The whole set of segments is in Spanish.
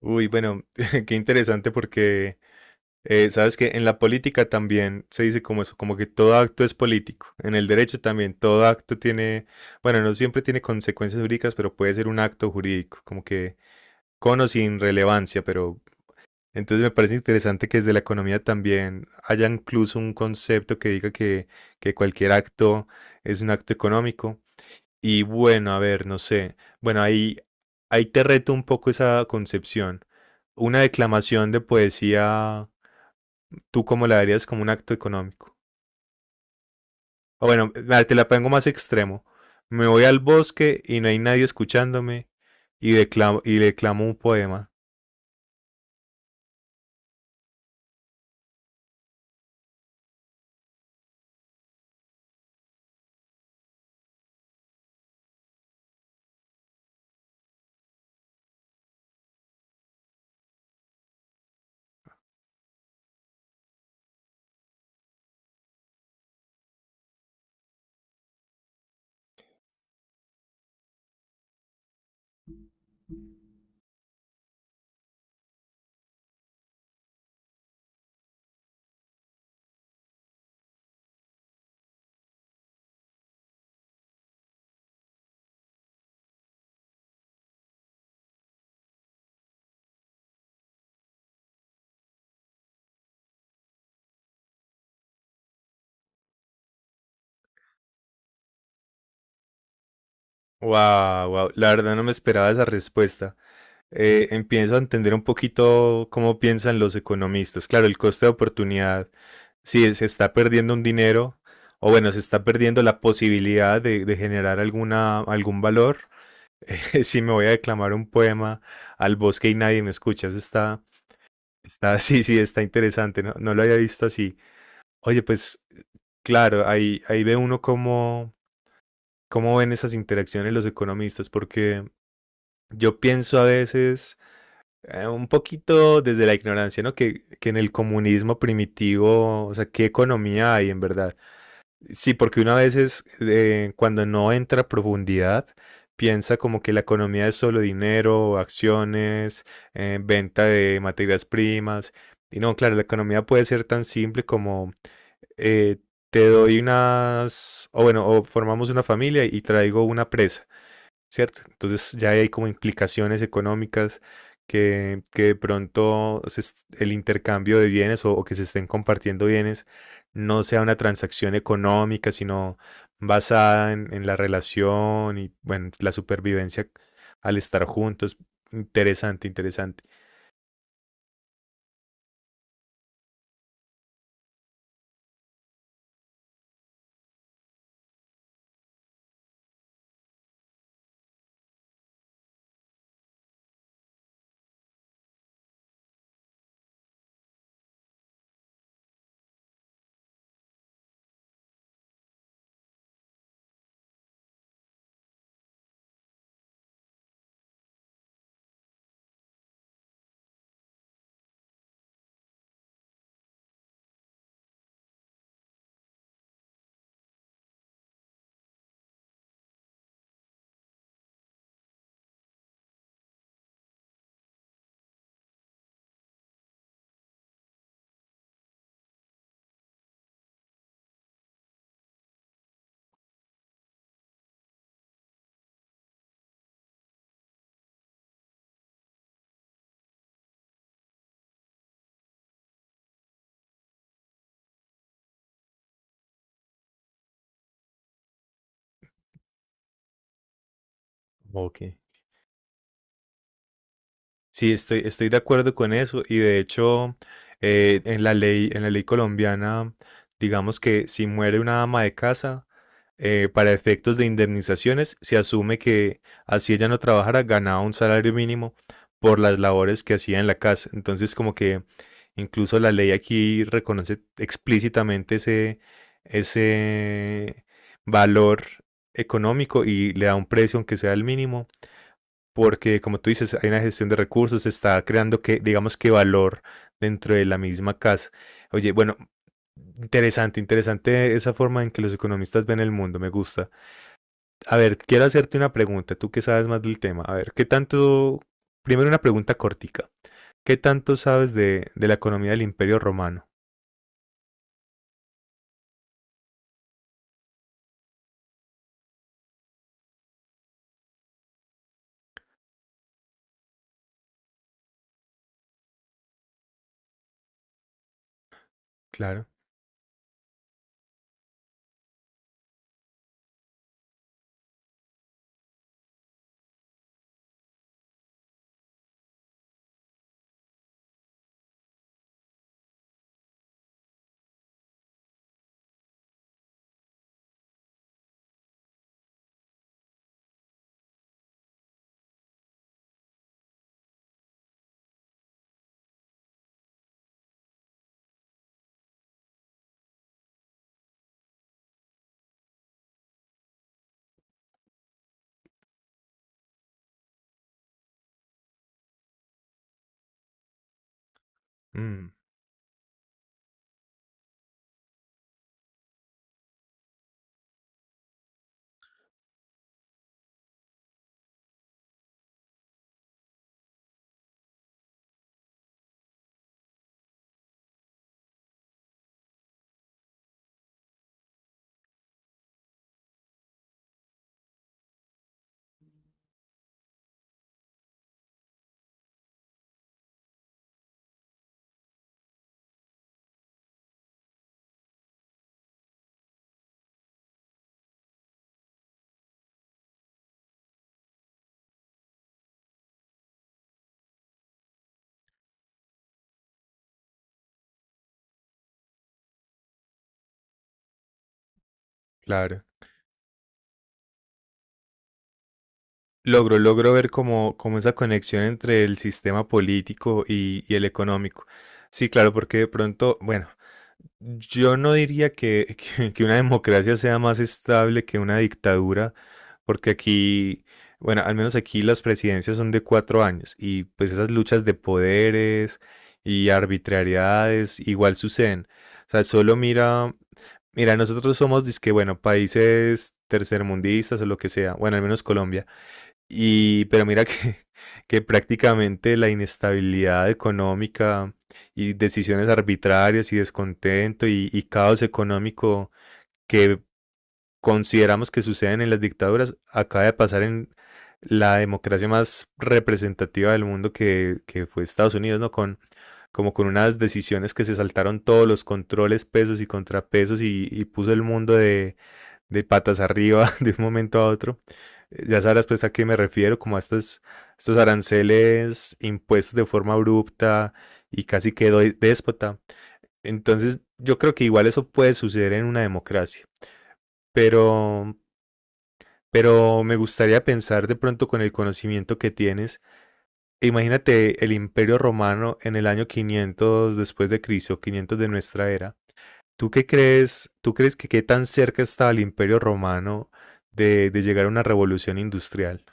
Uy, bueno, qué interesante porque sabes que en la política también se dice como eso, como que todo acto es político. En el derecho también todo acto tiene, bueno, no siempre tiene consecuencias jurídicas, pero puede ser un acto jurídico, como que con o sin relevancia, pero entonces me parece interesante que desde la economía también haya incluso un concepto que diga que cualquier acto es un acto económico. Y bueno, a ver, no sé. Bueno, ahí te reto un poco esa concepción. Una declamación de poesía, ¿tú cómo la verías como un acto económico? O bueno, nada, te la pongo más extremo. Me voy al bosque y no hay nadie escuchándome y declamo un poema. Wow, wow. La verdad no me esperaba esa respuesta. Empiezo a entender un poquito cómo piensan los economistas. Claro, el coste de oportunidad. Sí, se está perdiendo un dinero, o bueno, se está perdiendo la posibilidad de generar algún valor. Si me voy a declamar un poema al bosque y nadie me escucha, eso está, está, sí, sí, está interesante, no, no lo había visto así. Oye, pues claro, ahí ve uno cómo, cómo ven esas interacciones los economistas, porque yo pienso a veces un poquito desde la ignorancia, ¿no? Que en el comunismo primitivo, o sea, ¿qué economía hay en verdad? Sí, porque una vez es cuando no entra a profundidad, piensa como que la economía es solo dinero, acciones, venta de materias primas. Y no, claro, la economía puede ser tan simple como eh, te doy unas, o bueno, o formamos una familia y traigo una presa. ¿Cierto? Entonces ya hay como implicaciones económicas que de pronto se est- el intercambio de bienes o que se estén compartiendo bienes no sea una transacción económica, sino basada en la relación y bueno, la supervivencia al estar juntos. Interesante, interesante. Ok. Sí, estoy, estoy de acuerdo con eso y de hecho en la ley colombiana, digamos que si muere una ama de casa, para efectos de indemnizaciones, se asume que así ella no trabajara, ganaba un salario mínimo por las labores que hacía en la casa. Entonces, como que incluso la ley aquí reconoce explícitamente ese, ese valor económico y le da un precio, aunque sea el mínimo, porque como tú dices, hay una gestión de recursos, se está creando que, digamos que valor dentro de la misma casa. Oye, bueno, interesante, interesante esa forma en que los economistas ven el mundo, me gusta. A ver, quiero hacerte una pregunta, tú que sabes más del tema. A ver, ¿qué tanto? Primero una pregunta cortica. ¿Qué tanto sabes de la economía del Imperio Romano? Claro, mm, claro. Logro, logro ver como, como esa conexión entre el sistema político y el económico. Sí, claro, porque de pronto, bueno, yo no diría que, que una democracia sea más estable que una dictadura, porque aquí, bueno, al menos aquí las presidencias son de 4 años y pues esas luchas de poderes y arbitrariedades igual suceden. O sea, solo mira, mira, nosotros somos, dizque, bueno, países tercermundistas o lo que sea, bueno, al menos Colombia, y, pero mira que, que prácticamente la inestabilidad económica y decisiones arbitrarias y descontento y caos económico que consideramos que suceden en las dictaduras, acaba de pasar en la democracia más representativa del mundo que fue Estados Unidos, ¿no? Con, como con unas decisiones que se saltaron todos los controles, pesos y contrapesos y puso el mundo de patas arriba de un momento a otro. Ya sabrás pues a qué me refiero, como a estas, estos aranceles impuestos de forma abrupta y casi que déspota. Entonces yo creo que igual eso puede suceder en una democracia, pero pero me gustaría pensar de pronto con el conocimiento que tienes, imagínate el Imperio Romano en el año 500 después de Cristo, 500 de nuestra era. ¿Tú qué crees? ¿Tú crees que qué tan cerca está el Imperio Romano de llegar a una revolución industrial?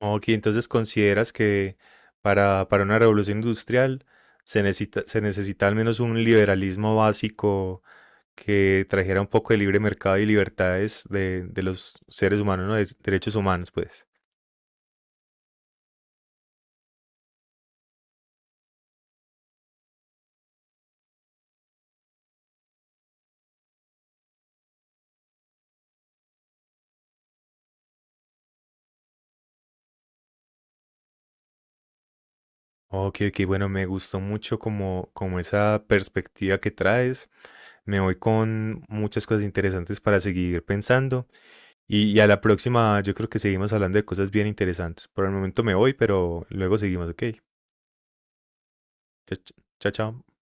Ok, entonces consideras que para una revolución industrial se necesita al menos un liberalismo básico que trajera un poco de libre mercado y libertades de los seres humanos, ¿no? De derechos humanos, pues. Ok, ok, bueno, me gustó mucho como, como esa perspectiva que traes. Me voy con muchas cosas interesantes para seguir pensando. Y a la próxima, yo creo que seguimos hablando de cosas bien interesantes. Por el momento me voy, pero luego seguimos, ok. Chao, chao. Chao.